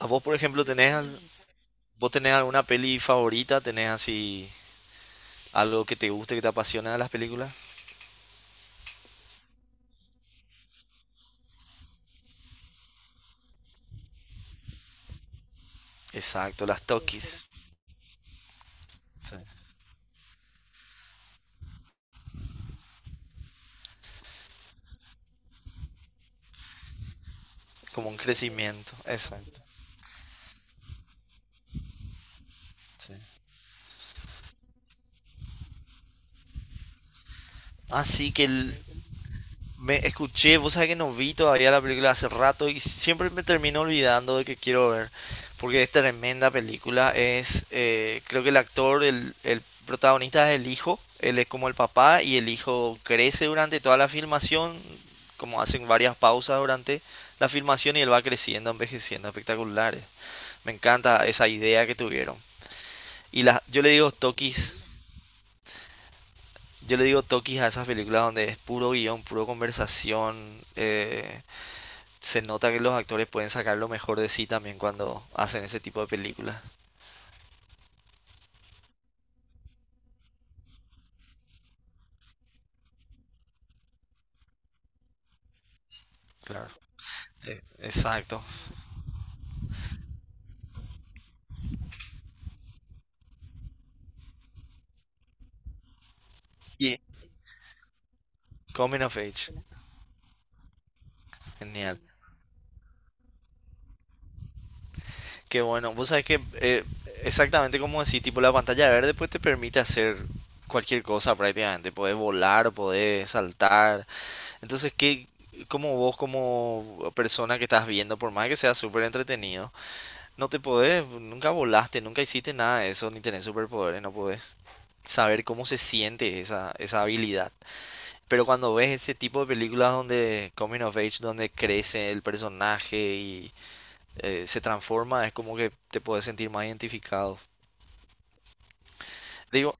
¿A vos, por ejemplo, tenés, vos tenés alguna peli favorita? ¿Tenés así algo que te guste, que te apasiona de las películas? Exacto, las sí, Tokis. Sí. Como un crecimiento, exacto. Sí. Así que el, me escuché, vos sabés que no vi todavía la película hace rato y siempre me termino olvidando de que quiero ver, porque es tremenda película. Es, creo que el actor, el protagonista es el hijo, él es como el papá y el hijo crece durante toda la filmación, como hacen varias pausas durante la filmación y él va creciendo, envejeciendo, espectaculares. Me encanta esa idea que tuvieron. Y la, yo le digo toquis, yo le digo toquis a esas películas donde es puro guión, puro conversación, se nota que los actores pueden sacar lo mejor de sí también cuando hacen ese tipo de películas. Claro. Exacto. Y Coming of Age. Genial. Qué bueno. Vos sabés que exactamente como decís, tipo la pantalla verde pues te permite hacer cualquier cosa prácticamente. Podés volar, podés saltar. Entonces, ¿qué, como vos, como persona que estás viendo, por más que sea súper entretenido, no te podés, nunca volaste, nunca hiciste nada de eso, ni tenés superpoderes, no podés saber cómo se siente esa habilidad. Pero cuando ves ese tipo de películas donde Coming of Age, donde crece el personaje y se transforma, es como que te puedes sentir más identificado. Digo,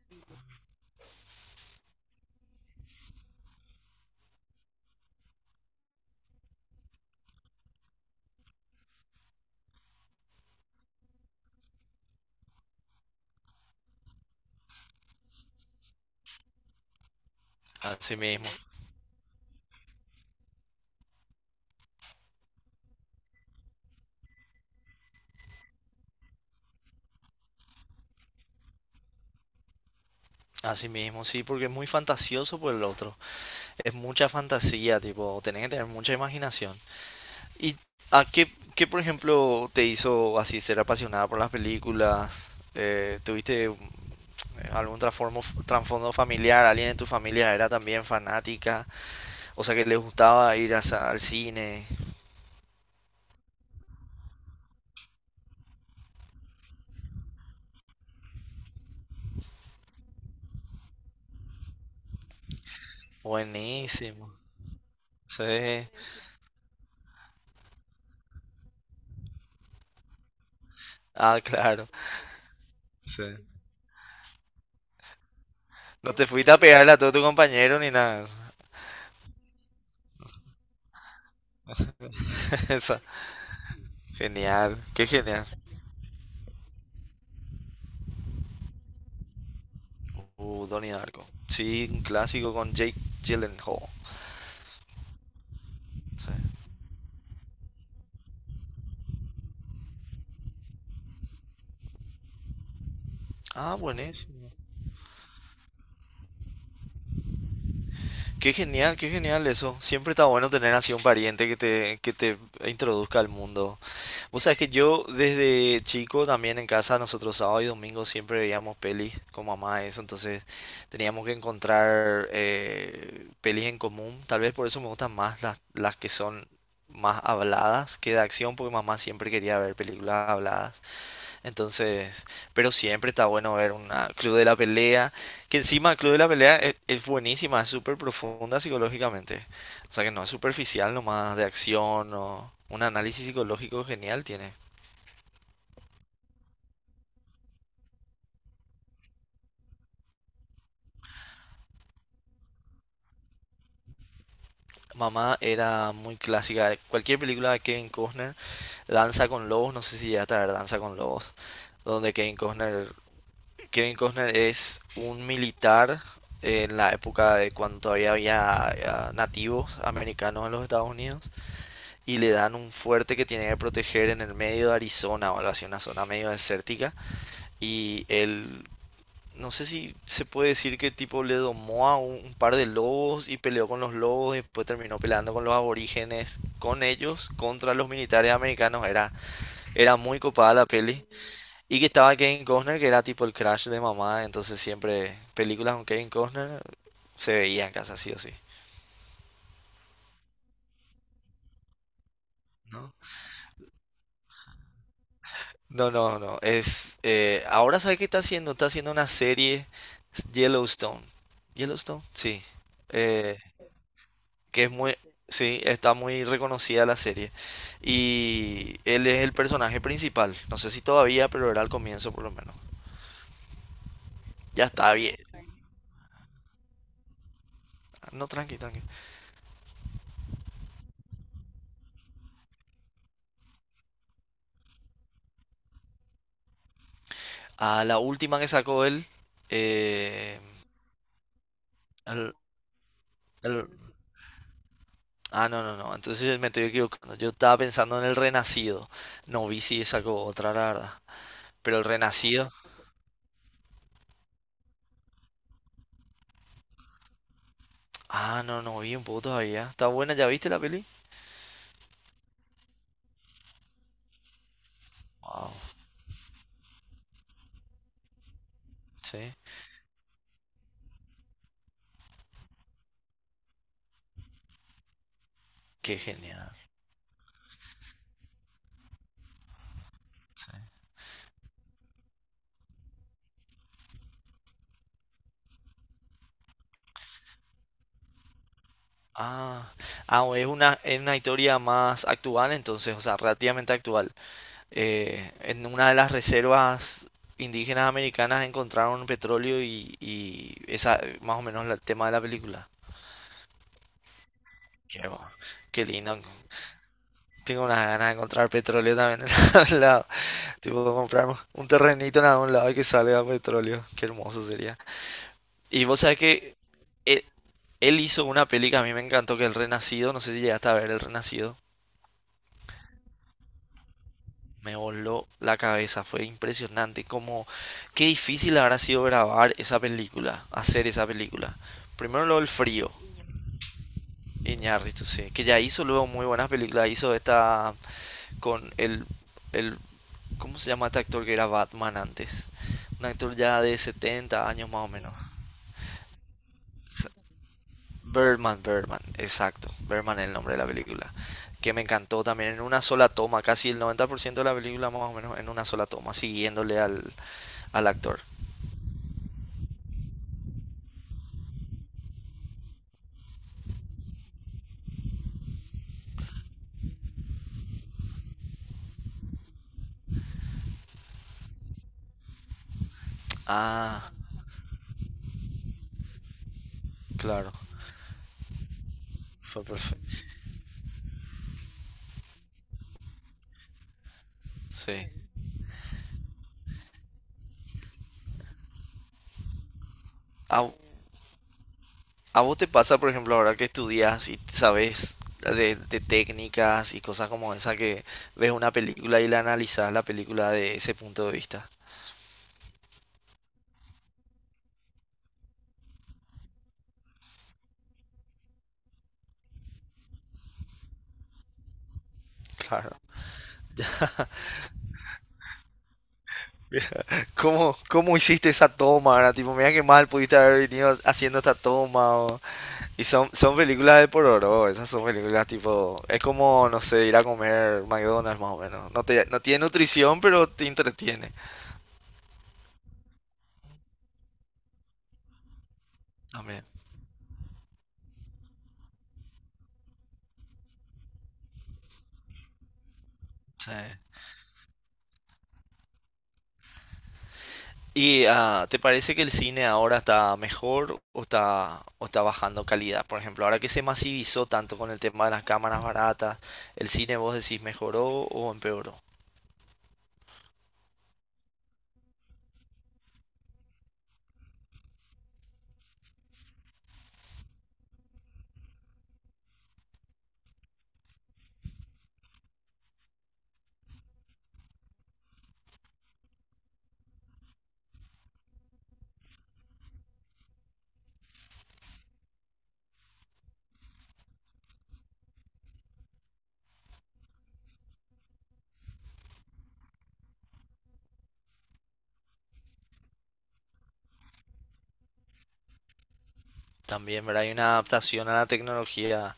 así mismo, así mismo, sí, porque es muy fantasioso por el otro. Es mucha fantasía, tipo, tenés que tener mucha imaginación. ¿Y a qué, qué, por ejemplo, te hizo así ser apasionada por las películas? ¿Tuviste algún trasfondo familiar? ¿Alguien en tu familia era también fanática? O sea, que le gustaba ir al cine. Buenísimo. Sí. Ah, claro. Sí. No te fuiste a pegarle a todo tu compañero ni nada. Esa. Genial. Qué genial. Donnie Darko. Sí, un clásico con Jake Gyllenhaal. Sí. Ah, buenísimo. Qué genial eso. Siempre está bueno tener así un pariente que te introduzca al mundo. Vos sabés que yo desde chico también en casa, nosotros sábado y domingo siempre veíamos pelis con mamá, eso. Entonces teníamos que encontrar pelis en común. Tal vez por eso me gustan más las que son más habladas que de acción, porque mamá siempre quería ver películas habladas. Entonces, pero siempre está bueno ver un Club de la Pelea, que encima el Club de la Pelea es buenísima, es súper profunda psicológicamente. O sea que no es superficial nomás de acción o un análisis psicológico genial tiene. Mamá era muy clásica, cualquier película de Kevin Costner, Danza con Lobos, no sé si ya está Danza con Lobos, donde Kevin Costner, Kevin Costner es un militar en la época de cuando todavía había nativos americanos en los Estados Unidos y le dan un fuerte que tiene que proteger en el medio de Arizona o algo así, una zona medio desértica. Y él, no sé si se puede decir que tipo le domó a un par de lobos y peleó con los lobos y después terminó peleando con los aborígenes, con ellos, contra los militares americanos. Era, era muy copada la peli. Y que estaba Kevin Costner, que era tipo el crash de mamá, entonces siempre películas con Kevin Costner se veían casa sí o sí. No, no, no, no. Es, ahora sabe qué está haciendo. Está haciendo una serie Yellowstone. Yellowstone, sí. Eh, que es muy, sí, está muy reconocida la serie. Y él es el personaje principal. No sé si todavía, pero era al comienzo por lo menos. Ya está bien. No, tranqui, tranqui. A la última que sacó él. eh, al- al- ah, no, no, no. Entonces me estoy equivocando. Yo estaba pensando en el Renacido. No vi si sacó otra, la verdad. Pero el Renacido. Ah, no, no vi un poco todavía. ¿Está buena? ¿Ya viste la peli? Wow, sí. Qué genial. Sí. Ah, ah, o es una historia más actual entonces, o sea, relativamente actual. En una de las reservas indígenas americanas encontraron petróleo y esa, más o menos el tema de la película. Qué, qué lindo. Tengo unas ganas de encontrar petróleo también en algún lado. Tipo, comprar un terrenito en algún lado y que salga petróleo. Qué hermoso sería. Y vos sabés que él, él hizo una peli que a mí me encantó, que es El Renacido. No sé si llegaste a ver El Renacido. Me voló la cabeza, fue impresionante. Como, qué difícil habrá sido grabar esa película, hacer esa película. Primero lo del frío, Iñárritu, sí, que ya hizo luego muy buenas películas. Hizo esta con el, ¿cómo se llama este actor que era Batman antes? Un actor ya de 70 años más o menos. Birdman, Birdman, exacto. Birdman es el nombre de la película. Que me encantó también en una sola toma, casi el 90% de la película más o menos en una sola toma, siguiéndole al actor. Ah, claro, fue perfecto. Sí. ¿A, a vos te pasa, por ejemplo, ahora que estudias y sabes de técnicas y cosas como esa que ves una película y la analizas la película de ese punto de vista? Claro. ¿Cómo, cómo hiciste esa toma? Ahora tipo, mira qué mal pudiste haber venido haciendo esta toma. Y son, son películas de pororó, esas son películas tipo, es como, no sé, ir a comer McDonald's más o menos. No te, no tiene nutrición, pero te entretiene también. Sí. ¿Y te parece que el cine ahora está mejor o está bajando calidad? Por ejemplo, ahora que se masivizó tanto con el tema de las cámaras baratas, ¿el cine vos decís mejoró o empeoró? También, ¿verdad? Hay una adaptación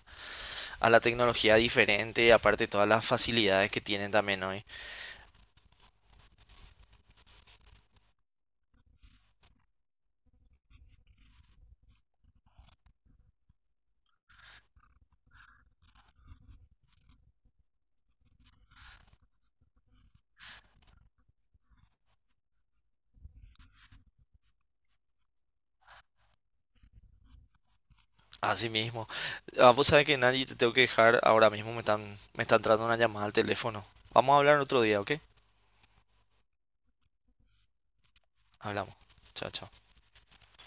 a la tecnología diferente, aparte todas las facilidades que tienen también hoy. Así mismo. Ah, vos sabés que nadie te tengo que dejar. Ahora mismo me están, me está entrando una llamada al teléfono. Vamos a hablar otro día, ¿ok? Hablamos. Chao, chao.